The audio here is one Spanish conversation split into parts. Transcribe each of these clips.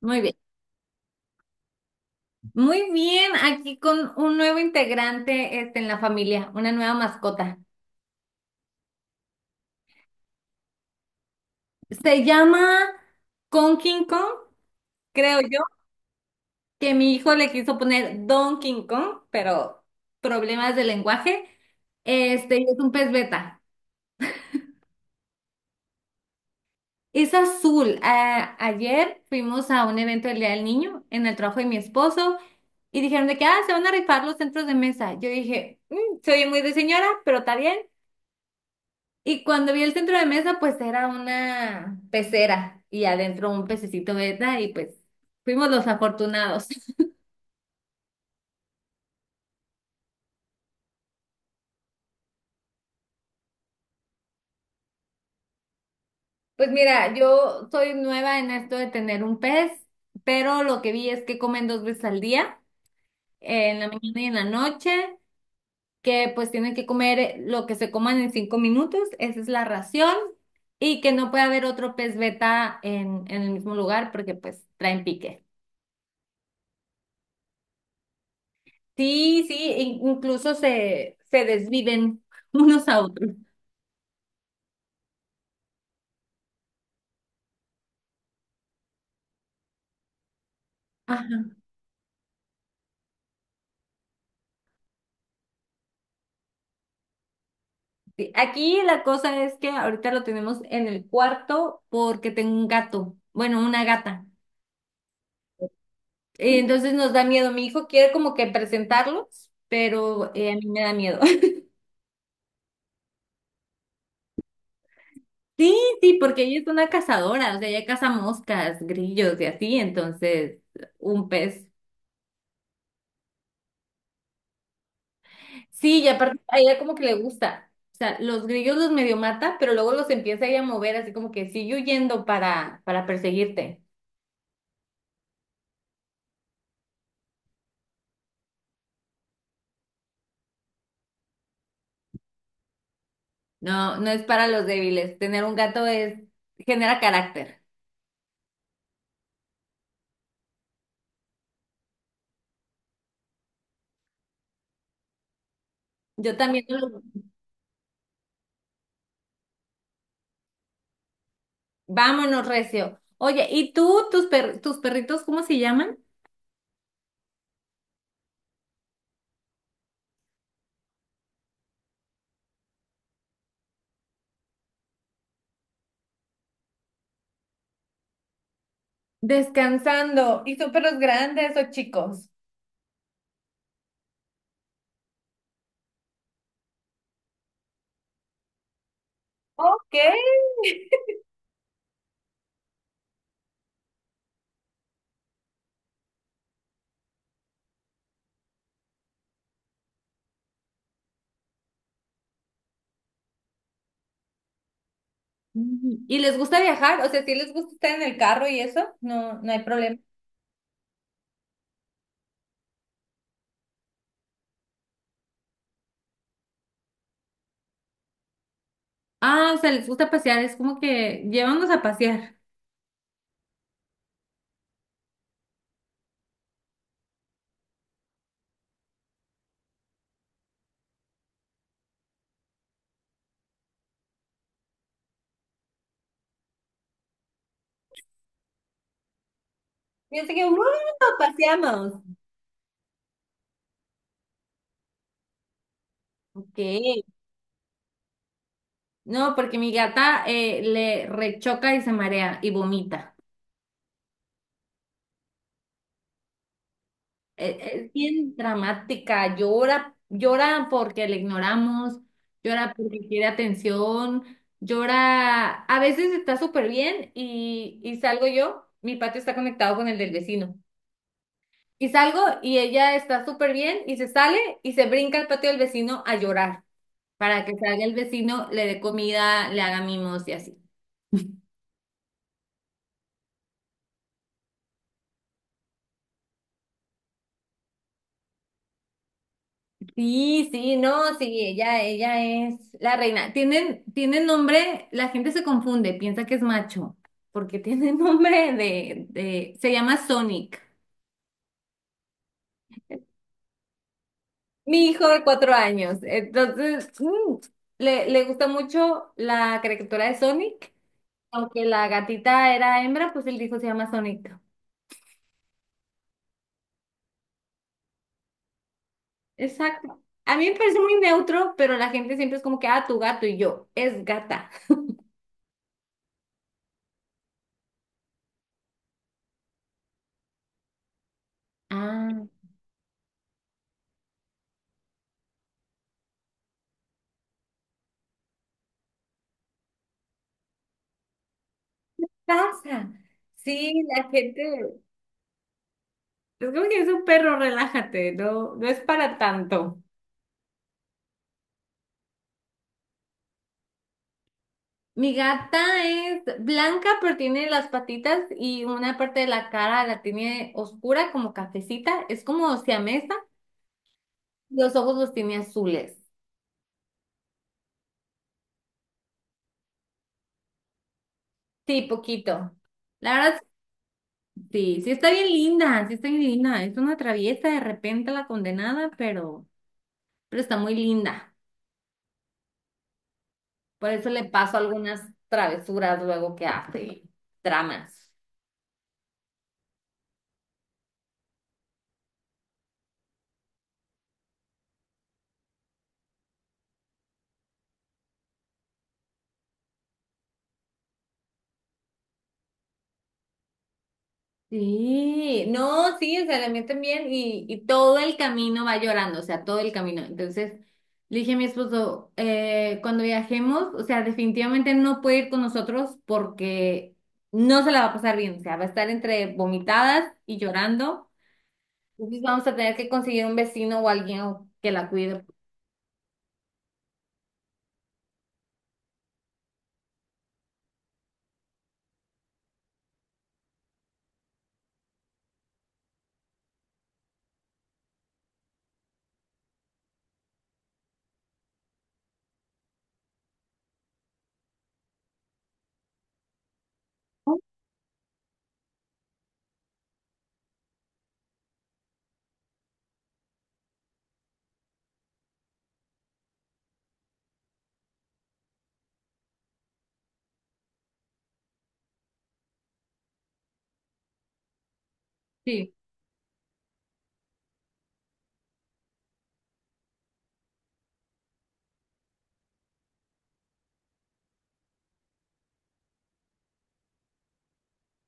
Muy bien. Muy bien, aquí con un nuevo integrante en la familia, una nueva mascota. Se llama King Kong, creo yo, que mi hijo le quiso poner Don King Kong, pero problemas de lenguaje. Y es un pez beta. Es azul. Ayer fuimos a un evento del Día del Niño en el trabajo de mi esposo y dijeron de que, se van a rifar los centros de mesa. Yo dije, "Mm, se oye muy de señora, pero está bien." Y cuando vi el centro de mesa, pues era una pecera y adentro un pececito beta y pues fuimos los afortunados. Pues mira, yo soy nueva en esto de tener un pez, pero lo que vi es que comen dos veces al día, en la mañana y en la noche, que pues tienen que comer lo que se coman en 5 minutos, esa es la ración, y que no puede haber otro pez beta en el mismo lugar porque pues traen pique. Sí, sí, incluso se desviven unos a otros. Ajá. Sí, aquí la cosa es que ahorita lo tenemos en el cuarto porque tengo un gato, bueno, una gata. Entonces nos da miedo. Mi hijo quiere como que presentarlos, pero a mí me da miedo. Sí, sí, porque ella es una cazadora, o sea, ella caza moscas, grillos y así, entonces un pez. Sí, y aparte a ella como que le gusta. O sea, los grillos los medio mata, pero luego los empieza a mover así como que sigue huyendo para perseguirte. No, no es para los débiles. Tener un gato es, genera carácter. Yo también no lo- Vámonos, Recio. Oye, ¿y tú, tus perritos, cómo se llaman? Descansando. ¿Y son perros grandes o chicos? Ok. ¿Y les gusta viajar? O sea, ¿si les gusta estar en el carro y eso? No, no hay problema. Ah, o sea, les gusta pasear, es como que llévanos a pasear. Y así que, ¡wow! Paseamos. Ok. No, porque mi gata le rechoca y se marea y vomita. Eh, Es bien dramática, llora, llora porque le ignoramos, llora porque quiere atención, llora. A veces está súper bien y, salgo yo, mi patio está conectado con el del vecino. Y salgo y ella está súper bien y se sale y se brinca al patio del vecino a llorar. Para que salga el vecino, le dé comida, le haga mimos y así. Sí, sí, no, sí, ella es la reina. Tienen, tienen nombre, la gente se confunde, piensa que es macho, porque tiene nombre de, se llama Sonic. Mi hijo de 4 años, entonces, le gusta mucho la caricatura de Sonic, aunque la gatita era hembra, pues él dijo se llama Sonic. Exacto. A mí me parece muy neutro, pero la gente siempre es como que, ah, tu gato y yo, es gata. Ah, pasa. Sí, la gente. Es como que es un perro, relájate, no, no es para tanto. Mi gata es blanca, pero tiene las patitas y una parte de la cara la tiene oscura, como cafecita. Es como siamesa. Los ojos los tiene azules. Sí, poquito. La verdad, sí, sí está bien linda, sí está bien linda. Es una traviesa de repente la condenada, pero está muy linda. Por eso le paso algunas travesuras luego que hace, tramas. Sí, no, sí, se le meten bien y, todo el camino va llorando, o sea, todo el camino. Entonces, le dije a mi esposo, cuando viajemos, o sea, definitivamente no puede ir con nosotros porque no se la va a pasar bien, o sea, va a estar entre vomitadas y llorando. Entonces vamos a tener que conseguir un vecino o alguien que la cuide. Sí,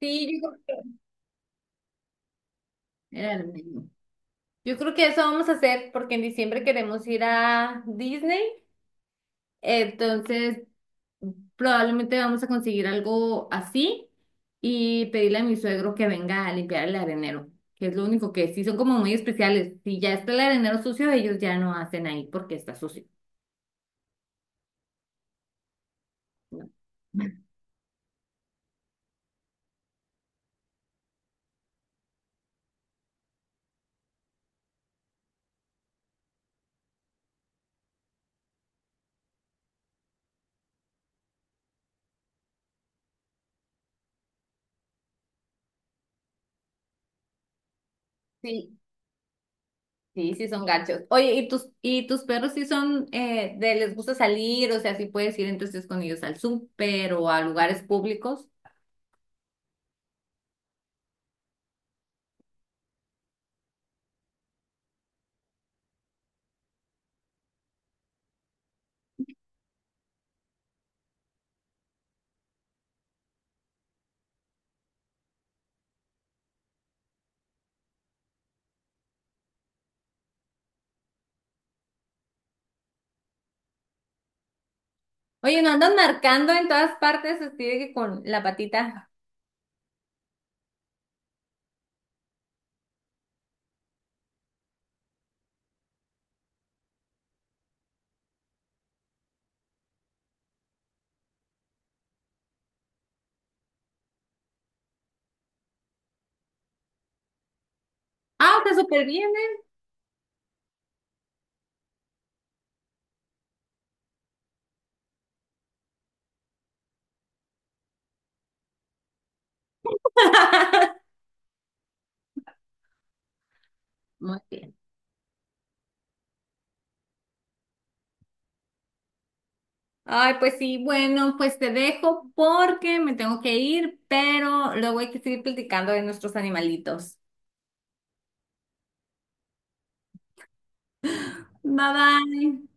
sí, que era el mismo. Yo creo que eso vamos a hacer porque en diciembre queremos ir a Disney, entonces probablemente vamos a conseguir algo así y pedirle a mi suegro que venga a limpiar el arenero, que es lo único que sí son como muy especiales. Si ya está el arenero sucio, ellos ya no hacen ahí porque está sucio. Sí, sí, sí son gachos. Oye, y tus perros sí son de les gusta salir? O sea, ¿sí puedes ir entonces con ellos al súper o a lugares públicos? Oye, no andan marcando en todas partes, así de que con la patita. Ah, está súper bien, ¿eh? Muy bien. Ay, pues sí, bueno, pues te dejo porque me tengo que ir, pero luego hay que seguir platicando de nuestros animalitos. Bye bye.